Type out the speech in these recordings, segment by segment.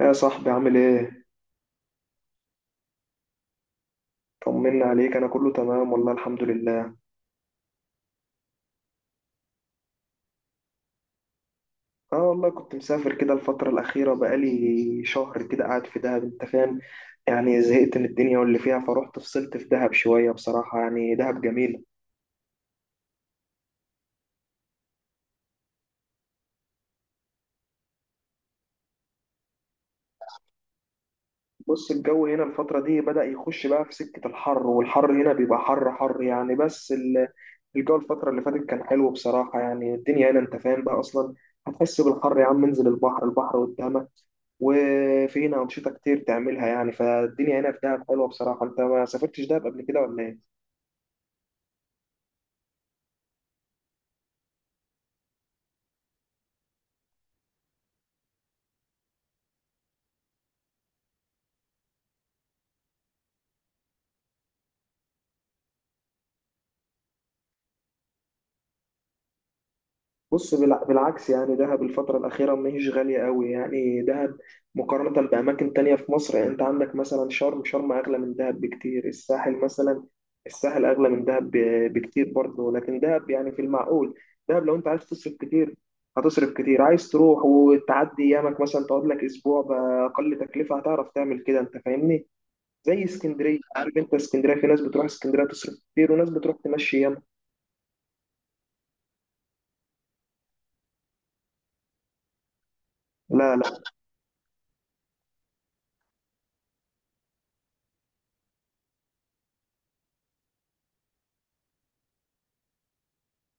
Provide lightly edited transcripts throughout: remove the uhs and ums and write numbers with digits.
يا صاحبي عامل ايه؟ طمنا عليك، انا كله تمام والله الحمد لله. اه والله كنت مسافر كده، الفترة الأخيرة بقالي شهر كده قاعد في دهب. انت فاهم، يعني زهقت من الدنيا واللي فيها، فروحت فصلت في دهب شوية. بصراحة يعني دهب جميلة. بص، الجو هنا الفترة دي بدأ يخش بقى في سكة الحر، والحر هنا بيبقى حر حر يعني، بس الجو الفترة اللي فاتت كان حلو بصراحة. يعني الدنيا هنا انت فاهم بقى أصلا، هتحس بالحر يا عم. انزل البحر، البحر قدامك، وفي هنا أنشطة كتير تعملها يعني. فالدنيا هنا في دهب حلوة بصراحة. أنت ما سافرتش دهب قبل كده ولا إيه؟ بص، بالعكس، يعني دهب الفترة الأخيرة ما هيش غالية قوي. يعني دهب مقارنة بأماكن تانية في مصر، يعني أنت عندك مثلا شرم، شرم أغلى من دهب بكتير. الساحل مثلا، الساحل أغلى من دهب بكتير برضه، لكن دهب يعني في المعقول. دهب لو أنت عايز تصرف كتير هتصرف كتير، عايز تروح وتعدي أيامك مثلا تقعد لك أسبوع بأقل تكلفة هتعرف تعمل كده. أنت فاهمني؟ زي اسكندريه، عارف انت اسكندريه، في ناس بتروح اسكندريه تصرف كتير، وناس بتروح تمشي ياما. لا، لا،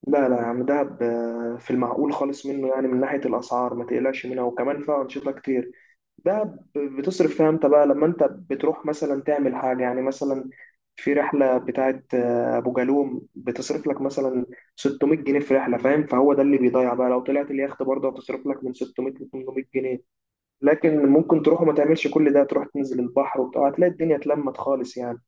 لا، لا يا عم، دهب في المعقول خالص منه، يعني من ناحيه الاسعار ما تقلقش منها، وكمان فيها انشطه كتير. دهب بتصرف فيها امتى بقى؟ لما انت بتروح مثلا تعمل حاجه يعني، مثلا في رحله بتاعت ابو جالوم، بتصرف لك مثلا 600 جنيه في رحله. فاهم؟ فهو ده اللي بيضيع بقى. لو طلعت اليخت برضه هتصرف لك من 600 ل 800 جنيه، لكن ممكن تروح وما تعملش كل ده، تروح تنزل البحر وبتاع، هتلاقي الدنيا اتلمت خالص يعني.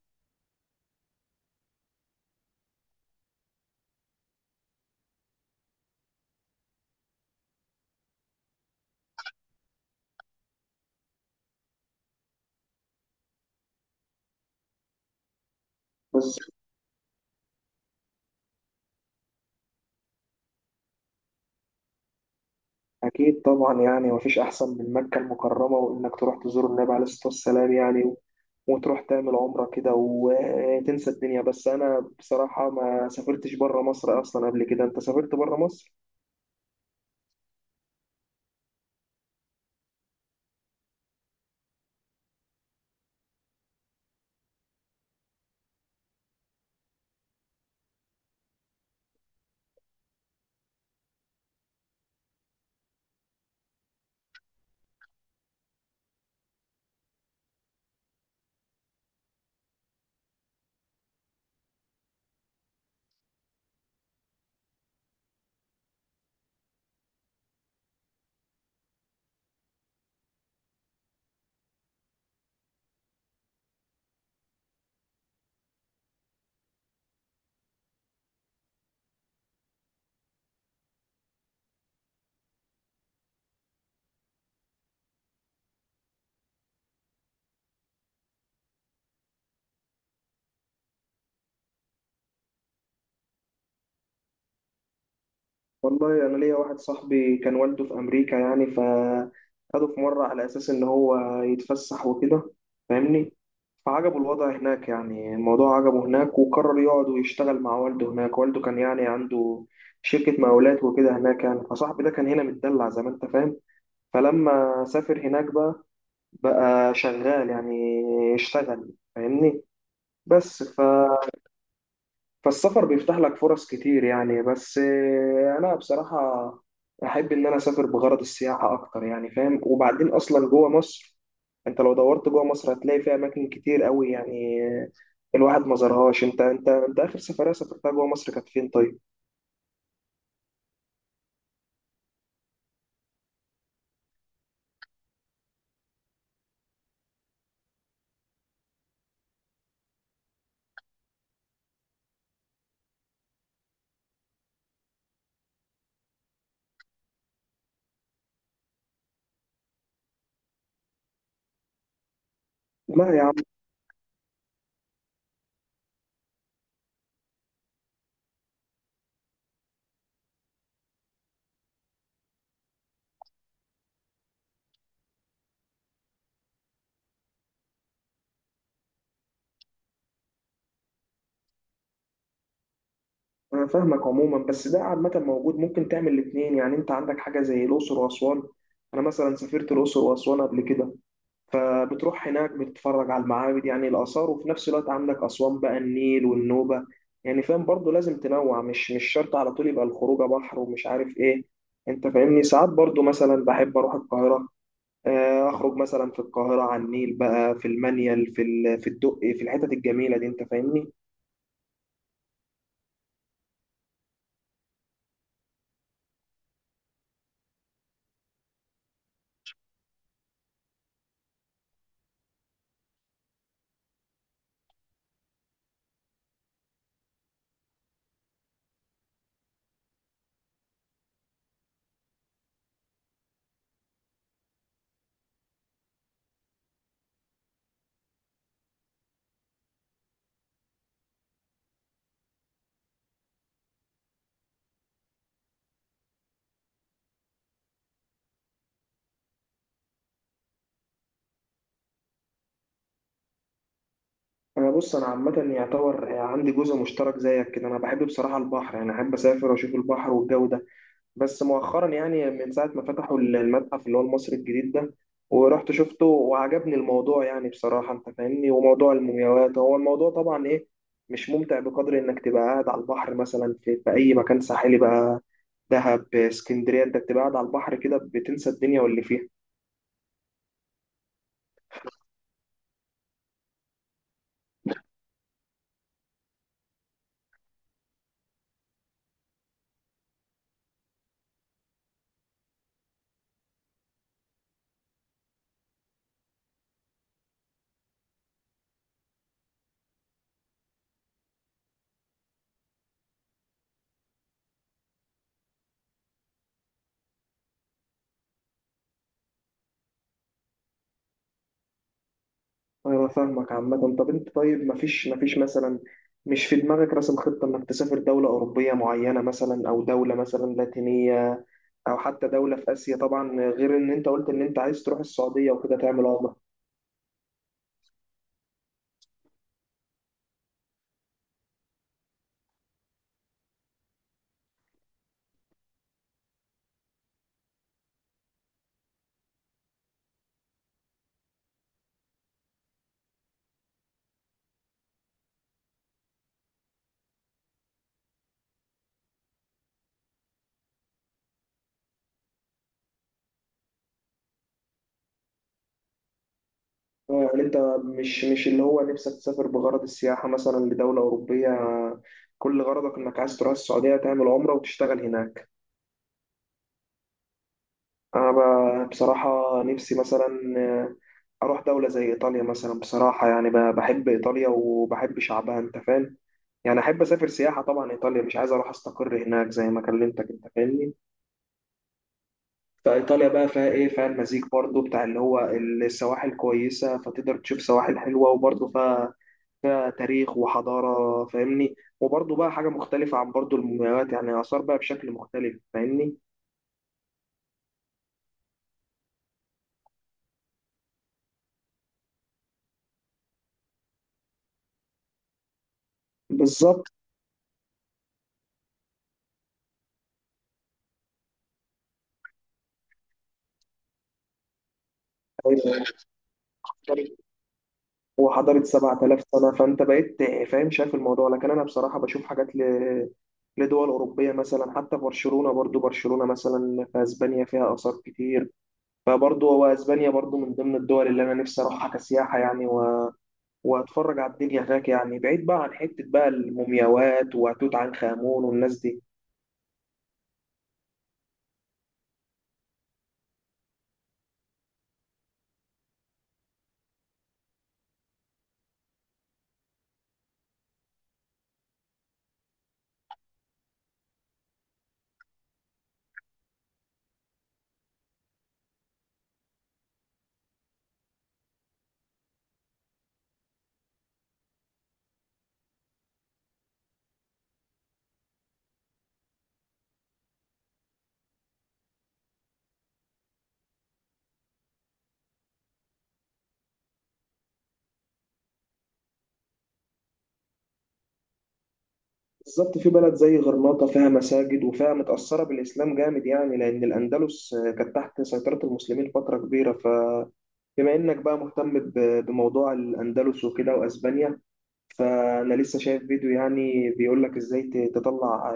بص، أكيد طبعا، يعني مفيش أحسن من مكة المكرمة وإنك تروح تزور النبي عليه الصلاة والسلام يعني، وتروح تعمل عمرة كده وتنسى الدنيا. بس أنا بصراحة ما سافرتش بره مصر أصلا قبل كده. أنت سافرت بره مصر؟ والله انا ليا واحد صاحبي كان والده في امريكا، يعني فاخده في مره على اساس ان هو يتفسح وكده، فاهمني؟ فعجبه الوضع هناك، يعني الموضوع عجبه هناك، وقرر يقعد ويشتغل مع والده هناك. والده كان يعني عنده شركه مقاولات وكده هناك يعني. فصاحبي ده كان هنا متدلع زي ما انت فاهم، فلما سافر هناك بقى، بقى شغال يعني، اشتغل، فاهمني؟ بس فالسفر بيفتح لك فرص كتير يعني. بس انا بصراحة احب ان انا اسافر بغرض السياحة اكتر يعني، فاهم؟ وبعدين اصلا جوه مصر، انت لو دورت جوه مصر هتلاقي فيها اماكن كتير قوي يعني، الواحد ما زارهاش. انت اخر سفرية سافرتها جوه مصر كانت فين طيب؟ لا يا عم. انا فاهمك عموما، بس ده عامة موجود، ممكن تعمل الاتنين يعني. انت عندك حاجة زي الاقصر واسوان. انا مثلا سافرت الاقصر واسوان قبل كده، فبتروح هناك بتتفرج على المعابد يعني الآثار، وفي نفس الوقت عندك أسوان بقى، النيل والنوبة يعني. فاهم؟ برضو لازم تنوع، مش شرط على طول يبقى الخروجة بحر ومش عارف إيه. أنت فاهمني؟ ساعات برضو مثلا بحب أروح القاهرة، أخرج مثلا في القاهرة على النيل بقى، في المنيل، في في الدقي، في الحتت الجميلة دي. أنت فاهمني؟ أنا بص، أنا عامة يعتبر يعني عندي جزء مشترك زيك كده، أنا بحب بصراحة البحر يعني، أحب أسافر وأشوف البحر والجو ده. بس مؤخرا، يعني من ساعة ما فتحوا المتحف اللي هو المصري الجديد ده ورحت شفته، وعجبني الموضوع يعني بصراحة. انت فاهمني؟ وموضوع المومياوات، هو الموضوع طبعا ايه، مش ممتع بقدر انك تبقى قاعد على البحر مثلا، في اي مكان ساحلي بقى، دهب، اسكندرية، انت بتبقى قاعد على البحر كده بتنسى الدنيا واللي فيها. انا فاهمك عامة. طب انت طيب، مفيش مثلا، مش في دماغك راسم خطة انك تسافر دولة أوروبية معينة مثلا، او دولة مثلا لاتينية، او حتى دوله في اسيا؟ طبعا غير ان انت قلت ان انت عايز تروح السعوديه وكده تعمل عمره. يعني انت مش اللي هو نفسك تسافر بغرض السياحه مثلا لدوله اوروبيه، كل غرضك انك عايز تروح السعوديه تعمل عمره وتشتغل هناك. انا بصراحه نفسي مثلا اروح دوله زي ايطاليا مثلا بصراحه، يعني بحب ايطاليا وبحب شعبها. انت فاهم؟ يعني احب اسافر سياحه طبعا ايطاليا، مش عايز اروح استقر هناك زي ما كلمتك. انت فاهمني؟ فايطاليا بقى فيها ايه، فيها المزيج برضو بتاع اللي هو السواحل كويسه، فتقدر تشوف سواحل حلوه، وبرضو فيها، فيها تاريخ وحضاره. فاهمني؟ وبرضو بقى حاجه مختلفه عن برضو المومياوات، يعني اثار بقى بشكل مختلف. فاهمني؟ بالظبط. أيوة، مختلف. وحضاره 7,000 سنه، فانت بقيت فاهم شايف الموضوع. لكن انا بصراحه بشوف حاجات لدول أوروبية مثلا، حتى برشلونة، برضو برشلونة مثلا في أسبانيا فيها آثار كتير، فبرضو هو أسبانيا برضو من ضمن الدول اللي أنا نفسي أروحها كسياحة يعني، واتفرج على الدنيا هناك يعني، بعيد بقى عن حتة بقى المومياوات وتوت عنخ آمون والناس دي. بالظبط، في بلد زي غرناطة فيها مساجد وفيها متأثرة بالإسلام جامد يعني، لأن الأندلس كانت تحت سيطرة المسلمين فترة كبيرة. فبما إنك بقى مهتم بموضوع الأندلس وكده وأسبانيا، فأنا لسه شايف فيديو يعني بيقول لك إزاي تطلع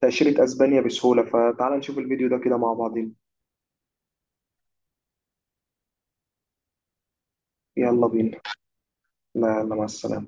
تأشيرة أسبانيا بسهولة، فتعال نشوف الفيديو ده كده مع بعضين. يلا بينا. لا، لا، مع السلامة.